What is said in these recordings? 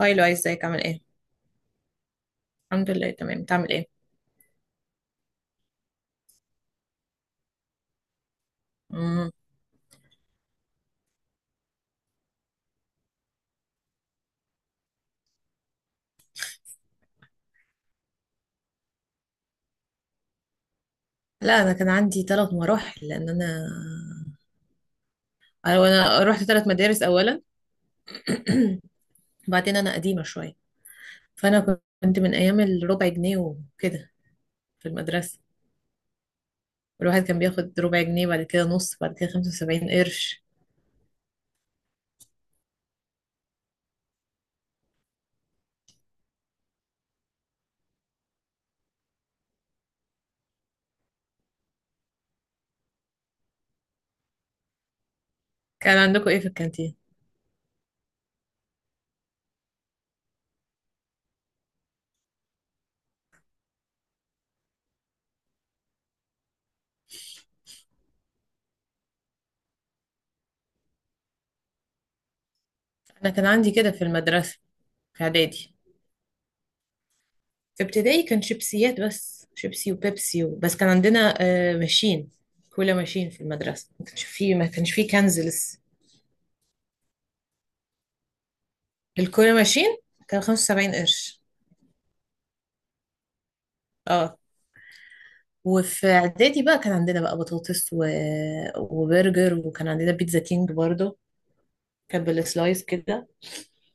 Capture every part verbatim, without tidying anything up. هاي، لو ازيك عامل ايه؟ الحمد لله، تمام. بتعمل ايه؟ مم. لا، انا كان عندي ثلاث مراحل لان انا أو انا رحت ثلاث مدارس. اولا وبعدين انا قديمه شويه، فانا كنت من ايام الربع جنيه وكده. في المدرسه الواحد كان بياخد ربع جنيه، بعد كده نص، بعد كده خمسة وسبعين قرش. كان عندكم ايه في الكانتين؟ انا كان عندي كده في المدرسه. في اعدادي. في ابتدائي كان شيبسيات، بس شيبسي وبيبسي، و... بس كان عندنا آه، ماشين كولا، ماشين في المدرسه، ما كانش فيه ما كانش فيه كنز. الكوري ماشين كان خمسة وسبعين قرش. اه، وفي اعدادي بقى كان عندنا بقى بطاطس و... وبرجر، وكان عندنا بيتزا كينج برضو، كان بالسلايس كده،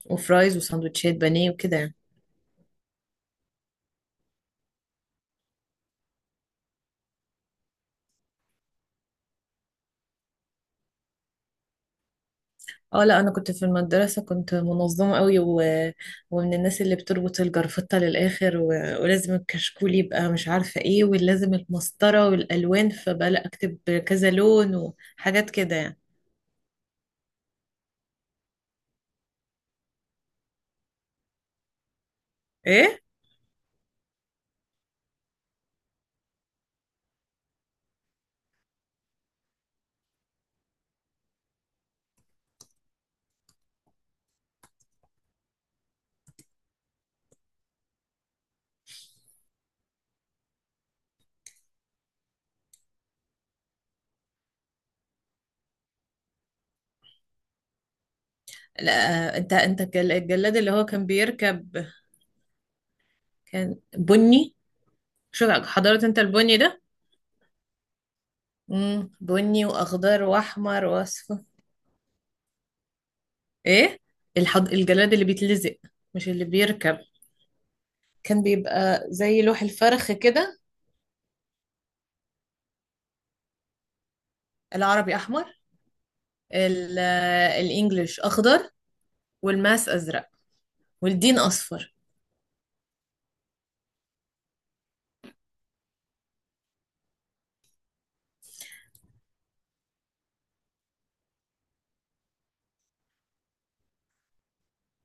وفرايز، وساندوتشات بانيه وكده يعني. اه، لا، انا كنت في المدرسه كنت منظمه قوي، و... ومن الناس اللي بتربط الجرفطه للاخر، و... ولازم الكشكول يبقى مش عارفه ايه، ولازم المسطره والالوان، فبقى لا اكتب كذا لون وحاجات كده يعني. ايه، لا، انت انت الجل- الجلاد اللي هو كان بيركب. كان بني. شو حضرت انت البني ده؟ امم بني واخضر واحمر واصفر. ايه، الحض... الجلاد اللي بيتلزق، مش اللي بيركب. كان بيبقى زي لوح الفرخ كده. العربي احمر، ال... آه، الانجليش اخضر، والماس ازرق، والدين اصفر.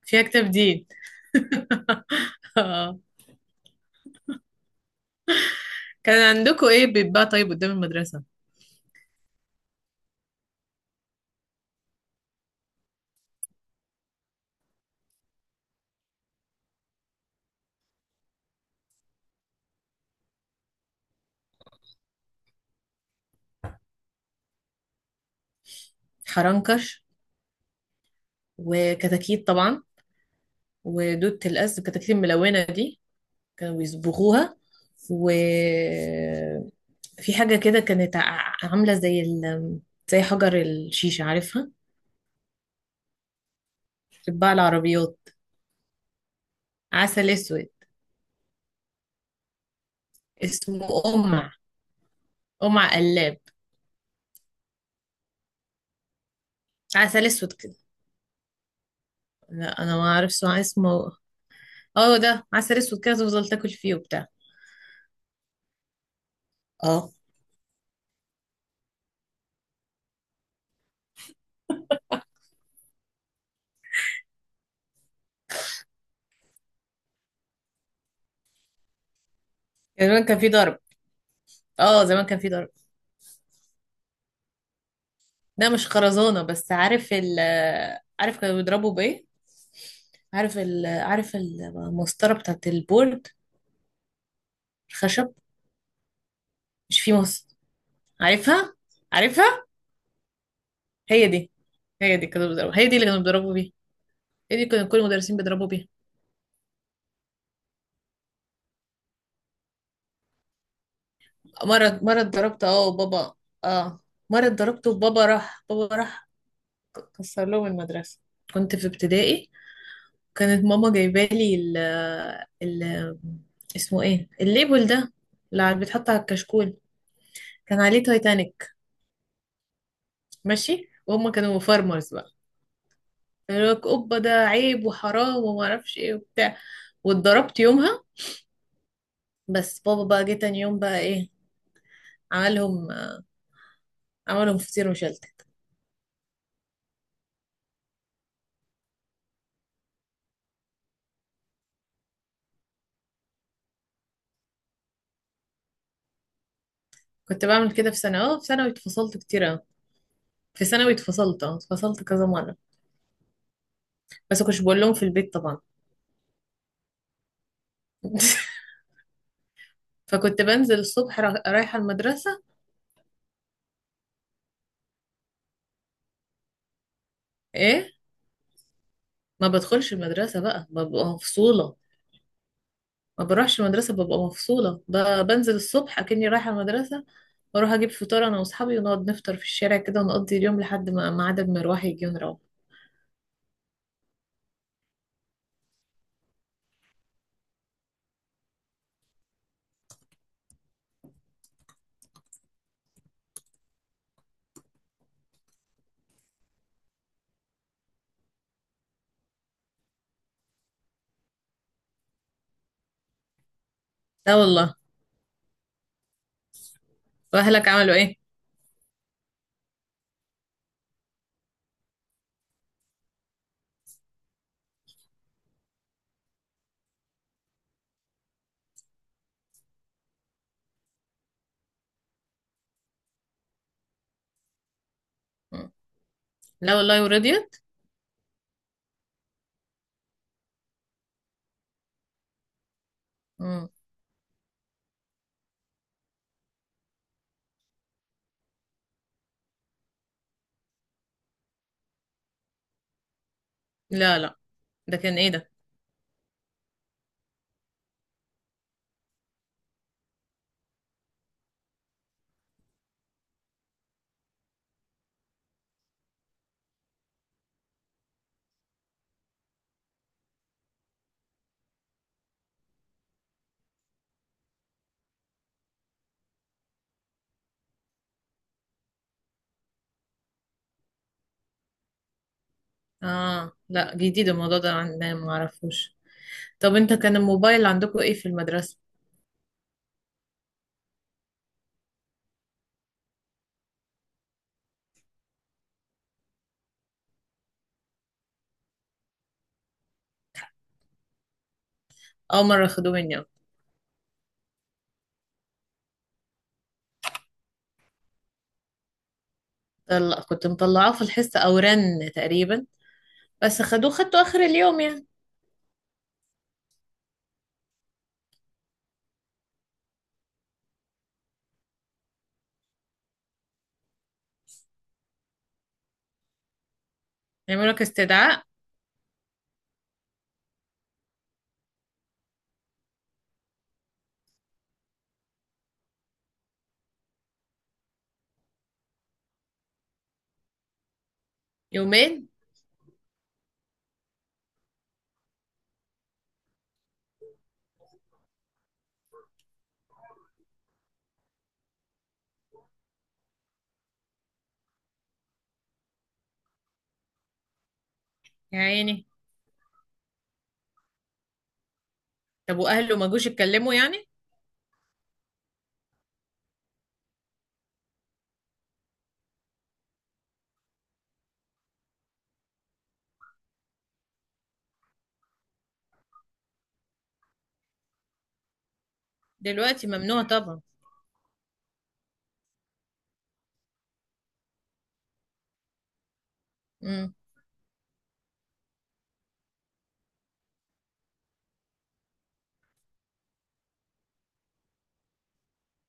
فيها كتاب دين. آه. كان عندكم ايه بيتباع طيب قدام المدرسة؟ حرنكش وكتاكيت طبعا ودودة الأسد، الكتاكيت الملونة دي كانوا بيصبغوها، و في حاجة كده كانت ع- عاملة زي ال زي حجر الشيشة، عارفها؟ بتتباع العربيات. عسل اسود. اسمه قمع. قمع قلاب. عسل اسود كده. لا، انا ما اعرفش ما اسمه. اه، ده عسل اسود كده، تفضل تاكل فيه وبتاع. اه، زمان كان في ضرب. اه، زمان كان في ضرب. ده مش خرزانة، بس عارف ال عارف كانوا بيضربوا بايه؟ عارف ال عارف المسطرة بتاعت البورد الخشب؟ مش في مص. عارفها. عارفها. هي دي هي دي كانوا بيضربوا، هي دي اللي كانوا بيضربوا بيها، هي دي كانوا كل المدرسين بيضربوا بيها. مرة مرة اتضربت اه وبابا. اه، مرة اتضربت وبابا، راح بابا راح كسر لهم المدرسة. كنت في ابتدائي. كانت ماما جايبالي ال ال اسمه ايه الليبل ده اللي بيتحط على الكشكول، كان عليه تايتانيك ماشي، وهم كانوا فارمرز بقى، يقول لك اوبا ده عيب وحرام وما اعرفش ايه وبتاع. واتضربت يومها. بس بابا بقى جه تاني يوم بقى ايه، عملهم، عملهم فطير وشلتت. كنت بعمل كده في ثانوي. اه، في ثانوي اتفصلت كتير أوي. في ثانوي اتفصلت اه اتفصلت كذا مرة. بس ما كنتش بقول لهم في البيت طبعا. فكنت بنزل الصبح را- رايحة المدرسة. ايه، ما بدخلش المدرسة بقى ببقى مفصولة. ما بروحش المدرسة ببقى مفصولة، ب- بنزل الصبح أكني رايحة المدرسة، واروح اجيب فطار انا واصحابي، ونقعد نفطر في الشارع كده، ونقضي اليوم لحد ما ميعاد المروح يجي ونروح. لا والله. واهلك عملوا ايه؟ مم. لا والله، ورضيت. مم. لا لا، ده كان ايه ده؟ اه، لا، جديد الموضوع ده عندنا، ما اعرفوش. طب، انت كان الموبايل عندكم ايه في المدرسة؟ اول مرة خدوه مني. طلع كنت مطلعاه في الحصة او رن تقريبا. بس خدوه، خدته اخر اليوم يعني. يعملوا لك استدعاء؟ يومين؟ يا عيني. طب واهله ما جوش يتكلموا يعني؟ دلوقتي ممنوع طبعا. امم.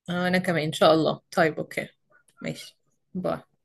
آه، انا كمان ان شاء الله، طيب اوكي. ماشي. باي.